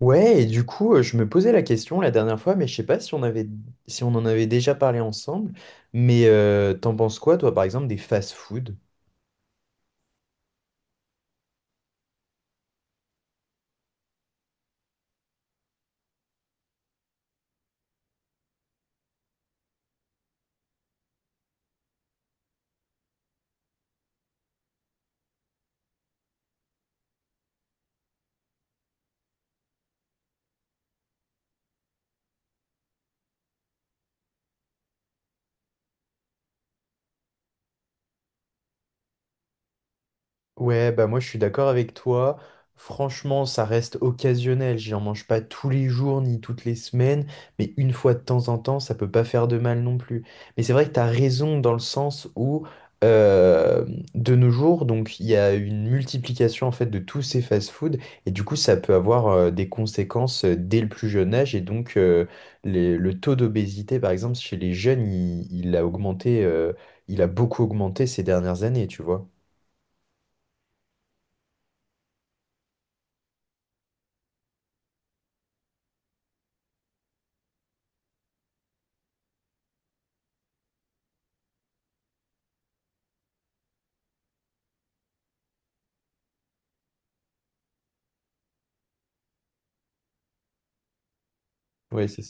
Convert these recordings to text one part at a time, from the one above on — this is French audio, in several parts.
Ouais, et du coup, je me posais la question la dernière fois, mais je sais pas si on en avait déjà parlé ensemble. Mais t'en penses quoi, toi, par exemple, des fast-food? Ouais, bah moi je suis d'accord avec toi. Franchement, ça reste occasionnel. J'en mange pas tous les jours ni toutes les semaines, mais une fois de temps en temps, ça peut pas faire de mal non plus. Mais c'est vrai que t'as raison dans le sens où euh, de nos jours, donc il y a une multiplication en fait de tous ces fast-foods et du coup ça peut avoir des conséquences dès le plus jeune âge et donc le taux d'obésité par exemple chez les jeunes, il a augmenté, il a beaucoup augmenté ces dernières années, tu vois. Ouais, c'est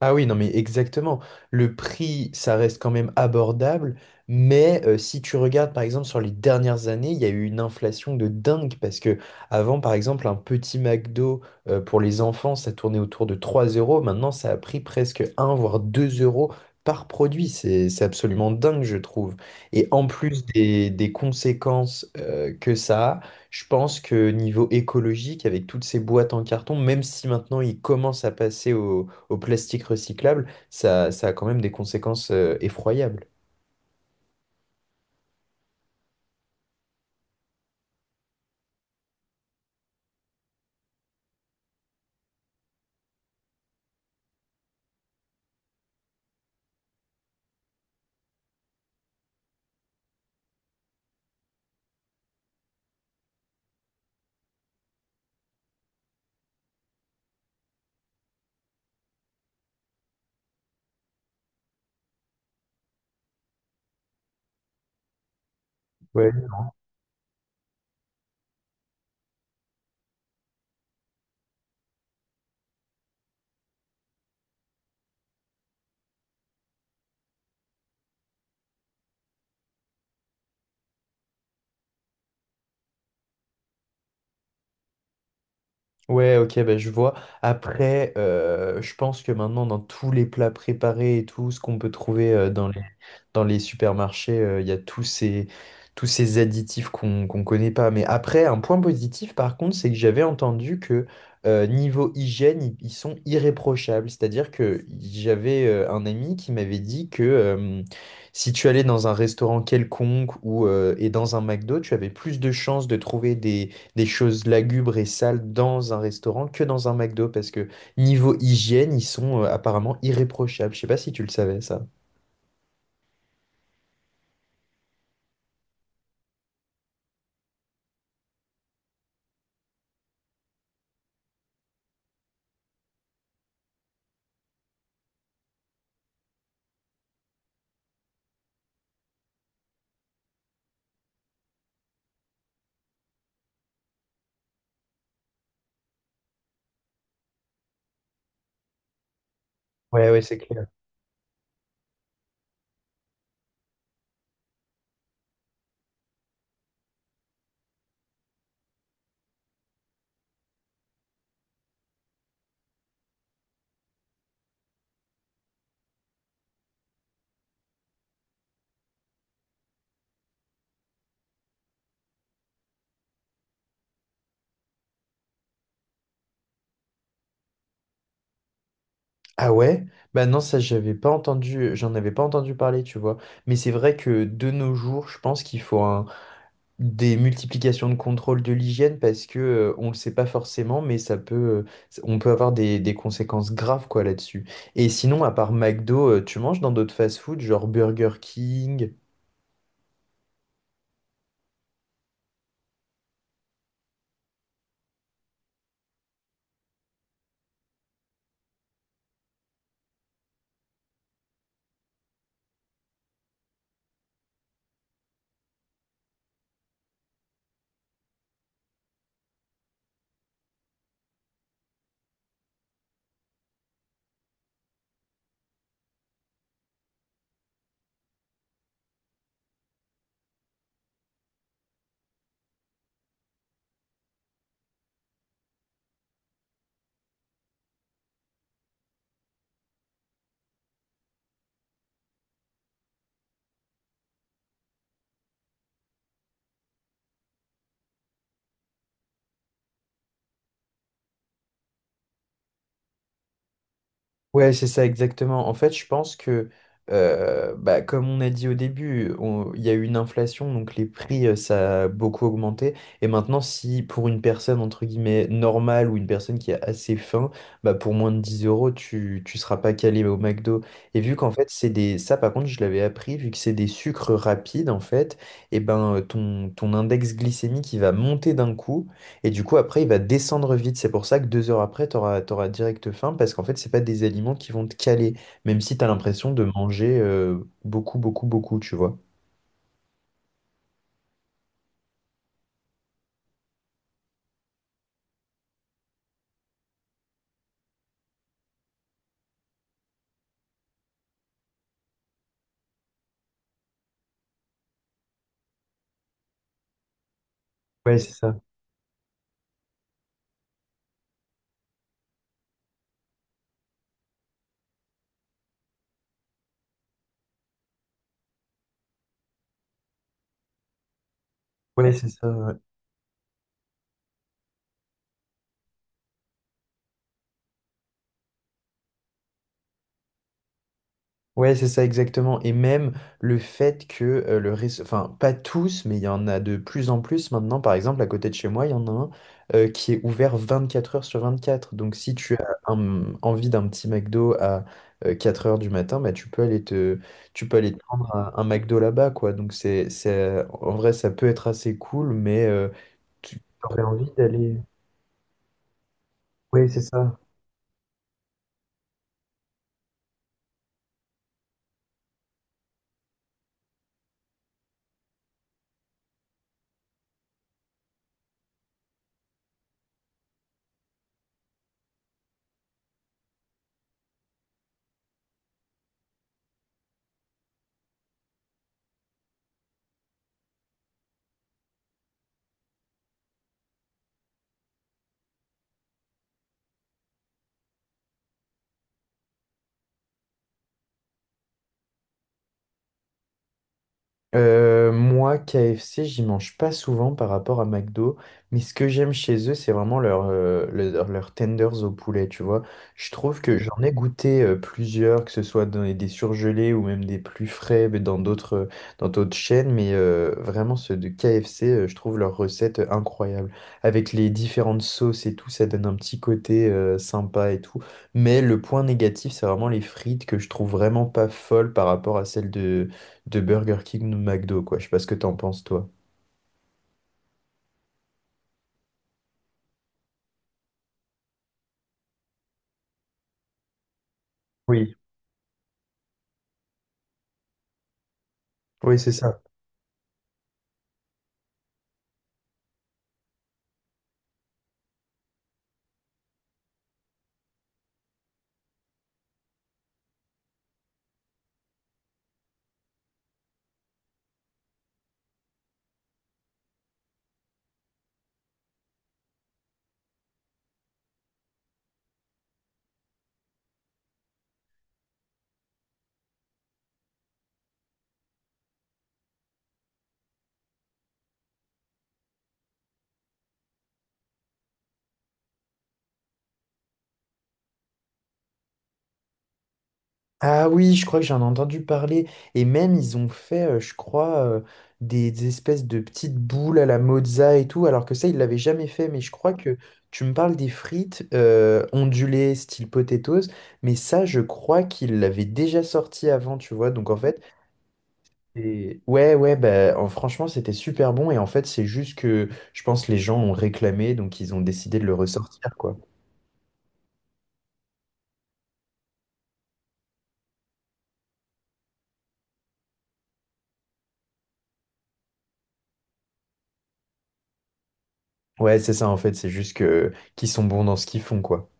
Ah oui, non, mais exactement. Le prix, ça reste quand même abordable, mais si tu regardes par exemple sur les dernières années, il y a eu une inflation de dingue parce que avant, par exemple, un petit McDo pour les enfants, ça tournait autour de 3 euros. Maintenant, ça a pris presque un voire 2 € par produit. C'est absolument dingue, je trouve. Et en plus des conséquences que ça a, je pense que niveau écologique, avec toutes ces boîtes en carton, même si maintenant ils commencent à passer au plastique recyclable, ça a quand même des conséquences effroyables. Ouais, ouais, ok, bah, je vois. Après, je pense que maintenant, dans tous les plats préparés et tout, ce qu'on peut trouver dans les supermarchés, il y a tous ces additifs qu'on connaît pas. Mais après, un point positif, par contre, c'est que j'avais entendu que niveau hygiène, ils sont irréprochables. C'est-à-dire que j'avais un ami qui m'avait dit que si tu allais dans un restaurant quelconque ou et dans un McDo, tu avais plus de chances de trouver des choses lugubres et sales dans un restaurant que dans un McDo parce que niveau hygiène, ils sont apparemment irréprochables. Je sais pas si tu le savais ça. Ouais, ouais, c'est clair. Ah ouais? Bah non, ça j'avais pas entendu, j'en avais pas entendu parler, tu vois. Mais c'est vrai que de nos jours, je pense des multiplications de contrôle de l'hygiène parce que on le sait pas forcément, mais on peut avoir des conséquences graves quoi là-dessus. Et sinon, à part McDo, tu manges dans d'autres fast-food, genre Burger King, ouais, c'est ça exactement. En fait, bah, comme on a dit au début, il y a eu une inflation, donc les prix, ça a beaucoup augmenté. Et maintenant, si pour une personne, entre guillemets, normale ou une personne qui a assez faim, bah, pour moins de 10 euros, tu ne seras pas calé au McDo. Et vu qu'en fait, c'est des... Ça, par contre, je l'avais appris, vu que c'est des sucres rapides, en fait, et ben, ton index glycémique, il va monter d'un coup. Et du coup, après, il va descendre vite. C'est pour ça que 2 heures après, tu auras, direct faim parce qu'en fait, c'est pas des aliments qui vont te caler, même si tu as l'impression de manger beaucoup, beaucoup, beaucoup, tu vois. Ouais, c'est ça. Ouais, c'est ça. Ouais, c'est ça exactement. Et même le fait que le réseau, enfin pas tous, mais il y en a de plus en plus maintenant. Par exemple, à côté de chez moi, il y en a un qui est ouvert 24 heures sur 24. Donc si tu as envie d'un petit McDo à 4 heures du matin, bah, tu peux aller te prendre un McDo là-bas, quoi. Donc en vrai, ça peut être assez cool, mais tu aurais envie d'aller. Ouais, c'est ça. Moi, KFC, j'y mange pas souvent par rapport à McDo, mais ce que j'aime chez eux, c'est vraiment leurs tenders au poulet, tu vois. Je trouve que j'en ai goûté plusieurs, que ce soit dans des surgelés ou même des plus frais mais dans d'autres chaînes, mais vraiment ceux de KFC, je trouve leur recette incroyable. Avec les différentes sauces et tout, ça donne un petit côté sympa et tout. Mais le point négatif, c'est vraiment les frites que je trouve vraiment pas folles par rapport à celles de Burger King ou de McDo, quoi. Je sais pas ce que t'en penses, toi. Oui. Oui, c'est ça. Ah oui, je crois que j'en ai entendu parler. Et même, ils ont fait, des espèces de petites boules à la mozza et tout, alors que ça, ils l'avaient jamais fait. Mais je crois que tu me parles des frites ondulées, style potatoes. Mais ça, je crois qu'ils l'avaient déjà sorti avant, tu vois. Donc en fait, ouais, ouais, bah, franchement, c'était super bon. Et en fait, c'est juste que je pense les gens ont réclamé, donc ils ont décidé de le ressortir, quoi. Ouais, c'est ça en fait, c'est juste que qu'ils sont bons dans ce qu'ils font, quoi.